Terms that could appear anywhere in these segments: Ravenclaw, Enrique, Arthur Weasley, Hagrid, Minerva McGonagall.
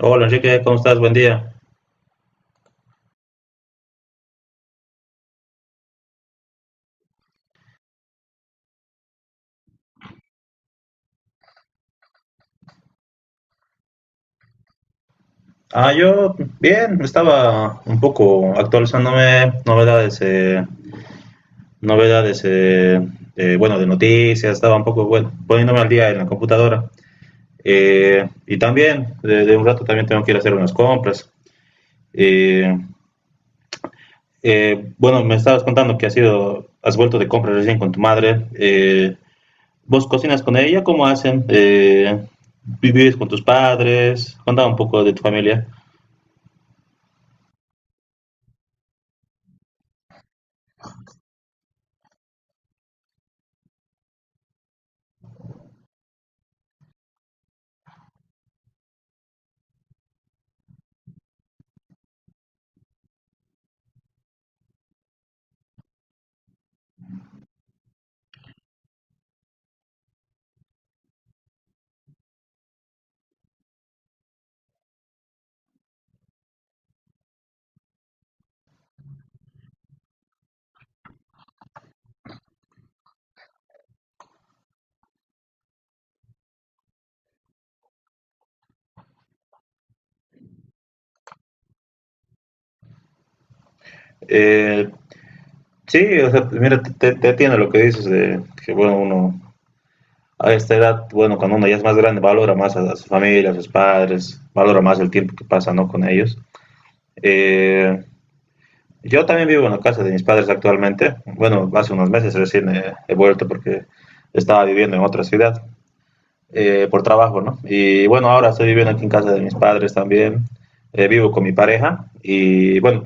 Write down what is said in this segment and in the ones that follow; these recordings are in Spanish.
Hola Enrique, ¿cómo estás? Buen día. Yo bien, estaba un poco actualizándome novedades, novedades, bueno, de noticias, estaba un poco, bueno, poniéndome al día en la computadora. Y también, de un rato también tengo que ir a hacer unas compras. Eh, bueno, me estabas contando que has ido, has vuelto de compras recién con tu madre. ¿Vos cocinas con ella? ¿Cómo hacen? ¿Vivís con tus padres? Contaba un poco de tu familia. Eh, Sí, o sea, mira, te atiendo lo que dices de que, bueno, uno a esta edad, bueno, cuando uno ya es más grande, valora más a su familia, a sus padres, valora más el tiempo que pasa, ¿no? Con ellos. Eh, yo también vivo en la casa de mis padres actualmente. Bueno, hace unos meses recién he vuelto porque estaba viviendo en otra ciudad por trabajo, ¿no? Y bueno, ahora estoy viviendo aquí en casa de mis padres también. Vivo con mi pareja y bueno,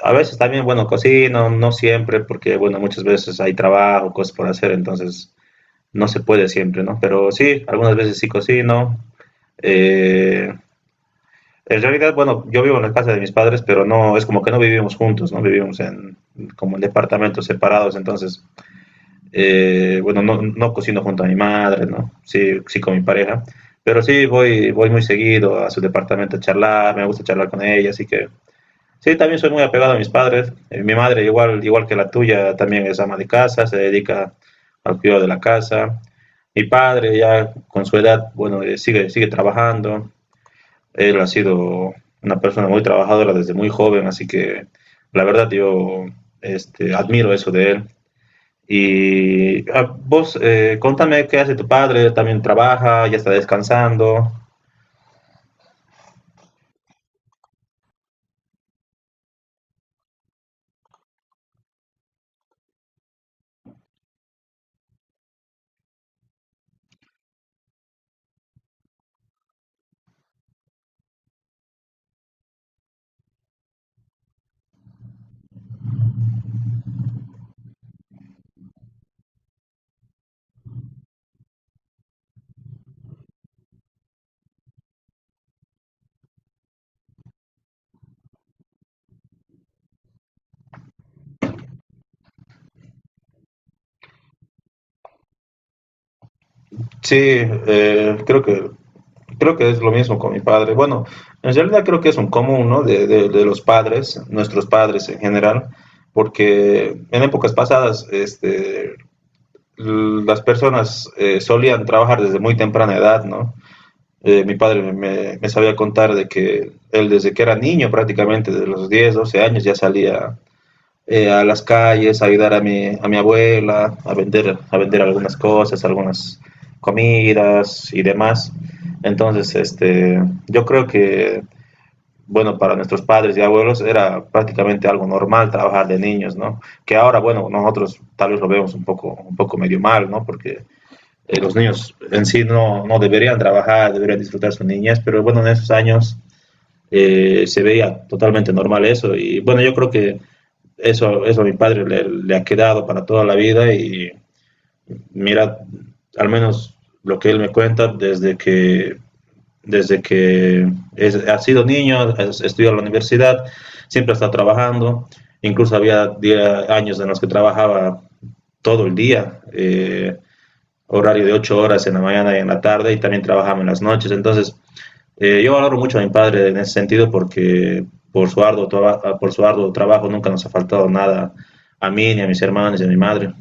a veces también, bueno, cocino, no siempre, porque, bueno, muchas veces hay trabajo, cosas por hacer, entonces no se puede siempre, ¿no? Pero sí, algunas veces sí cocino. Eh, en realidad, bueno, yo vivo en la casa de mis padres, pero no, es como que no vivimos juntos, ¿no? Vivimos en, como en departamentos separados, entonces, bueno, no, no cocino junto a mi madre, ¿no? Sí, sí con mi pareja, pero sí voy, voy muy seguido a su departamento a charlar, me gusta charlar con ella, así que sí, también soy muy apegado a mis padres. Mi madre, igual, igual que la tuya, también es ama de casa, se dedica al cuidado de la casa. Mi padre, ya con su edad, bueno, sigue, sigue trabajando. Él ha sido una persona muy trabajadora desde muy joven, así que la verdad yo este, admiro eso de él. Y vos, contame qué hace tu padre, también trabaja, ya está descansando. Sí, creo que creo que es lo mismo con mi padre. Bueno, en realidad creo que es un común, ¿no? De los padres, nuestros padres en general, porque en épocas pasadas, este, las personas solían trabajar desde muy temprana edad, ¿no? Mi padre me sabía contar de que él desde que era niño, prácticamente de los 10 12 años, ya salía a las calles, a ayudar a mi abuela, a vender algunas cosas, algunas comidas y demás. Entonces, este, yo creo que, bueno, para nuestros padres y abuelos era prácticamente algo normal trabajar de niños, ¿no? Que ahora, bueno, nosotros tal vez lo vemos un poco medio mal, ¿no? Porque los niños en sí no, no deberían trabajar, deberían disfrutar su niñez, pero bueno, en esos años se veía totalmente normal eso. Y bueno, yo creo que eso a mi padre ha quedado para toda la vida y mira, al menos lo que él me cuenta desde que es, ha sido niño, es, estudió en la universidad, siempre está trabajando, incluso había 10 años en los que trabajaba todo el día, horario de 8 horas en la mañana y en la tarde y también trabajaba en las noches, entonces yo valoro mucho a mi padre en ese sentido porque por su arduo, por su arduo trabajo nunca nos ha faltado nada a mí, ni a mis hermanos, ni a mi madre.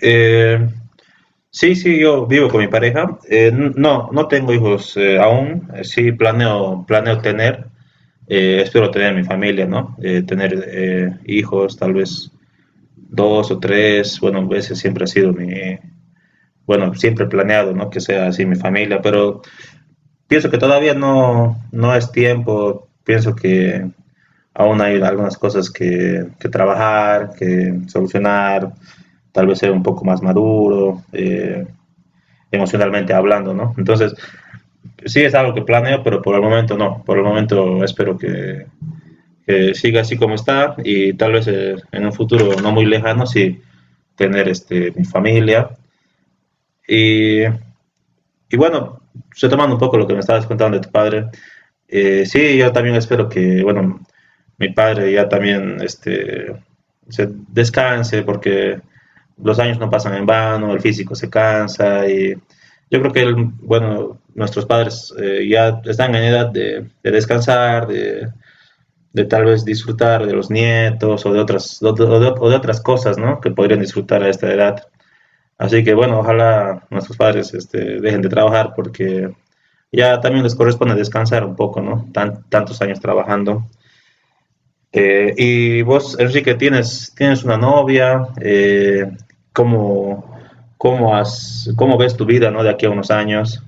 Eh, sí, sí, yo vivo con mi pareja. No, no tengo hijos aún. Sí, planeo, planeo tener. Espero tener mi familia, ¿no? Tener hijos, tal vez dos o tres. Bueno, ese siempre ha sido mi, bueno, siempre he planeado, ¿no? Que sea así mi familia, pero pienso que todavía no, no es tiempo, pienso que aún hay algunas cosas que trabajar, que solucionar, tal vez ser un poco más maduro, emocionalmente hablando, ¿no? Entonces, sí es algo que planeo, pero por el momento no, por el momento espero que siga así como está y tal vez en un futuro no muy lejano sí tener este, mi familia y Y bueno, retomando un poco lo que me estabas contando de tu padre, sí, yo también espero que, bueno, mi padre ya también este, se descanse porque los años no pasan en vano, el físico se cansa y yo creo que, él, bueno, nuestros padres ya están en edad de descansar, de tal vez disfrutar de los nietos o de otras cosas, ¿no? Que podrían disfrutar a esta edad. Así que bueno, ojalá nuestros padres este, dejen de trabajar porque ya también les corresponde descansar un poco, ¿no? Tan, tantos años trabajando. Y vos, Enrique, tienes, tienes una novia, ¿cómo, cómo, has, ¿cómo ves tu vida, ¿no? De aquí a unos años.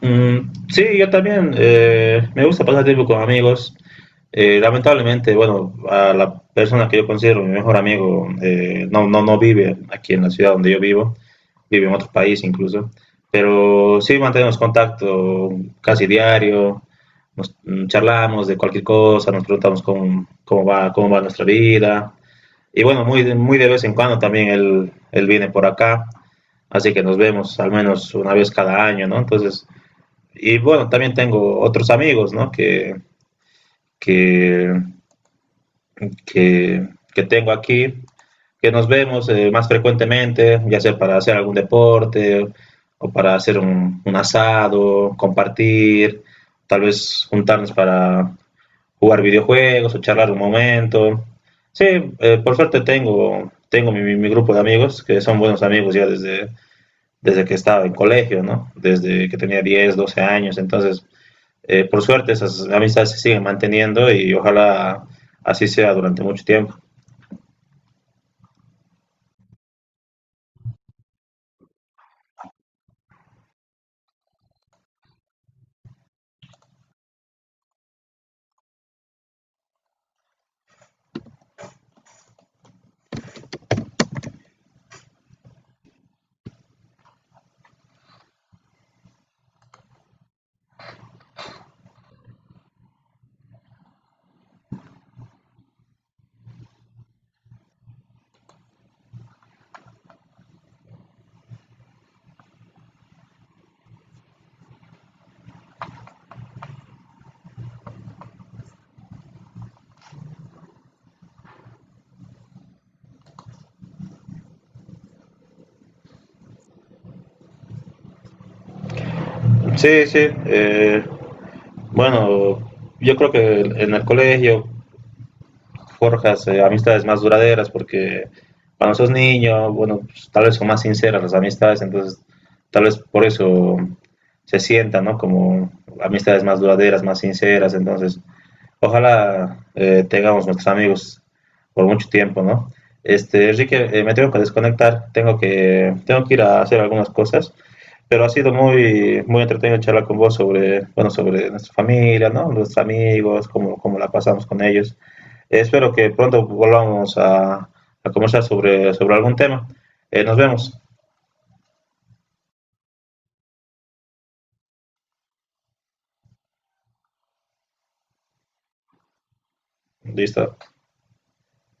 Mm, sí, yo también me gusta pasar tiempo con amigos. Lamentablemente, bueno, a la persona que yo considero mi mejor amigo no, no, no vive aquí en la ciudad donde yo vivo. Vive en otro país incluso. Pero sí mantenemos contacto casi diario, charlamos de cualquier cosa, nos preguntamos cómo, cómo va nuestra vida. Y bueno, muy, muy de vez en cuando también él viene por acá, así que nos vemos al menos una vez cada año, ¿no? Entonces, y bueno, también tengo otros amigos, ¿no? Que, que tengo aquí, que nos vemos más frecuentemente, ya sea para hacer algún deporte o para hacer un asado, compartir, tal vez juntarnos para jugar videojuegos o charlar un momento. Sí, por suerte tengo, tengo grupo de amigos, que son buenos amigos ya desde, desde que estaba en colegio, ¿no? Desde que tenía 10 12 años. Entonces, por suerte esas amistades se siguen manteniendo y ojalá así sea durante mucho tiempo. Sí, sí. Bueno, yo creo que en el colegio forjas amistades más duraderas porque cuando sos niño, bueno, pues, tal vez son más sinceras las amistades, entonces tal vez por eso se sientan, ¿no? Como amistades más duraderas, más sinceras, entonces ojalá tengamos nuestros amigos por mucho tiempo, ¿no? Este, Enrique, me tengo que desconectar, tengo que ir a hacer algunas cosas, pero ha sido muy, muy entretenido charlar con vos sobre, bueno, sobre nuestra familia, ¿no? Nuestros amigos, cómo, cómo la pasamos con ellos. Espero que pronto volvamos a conversar sobre, sobre algún tema. Nos vemos. Listo.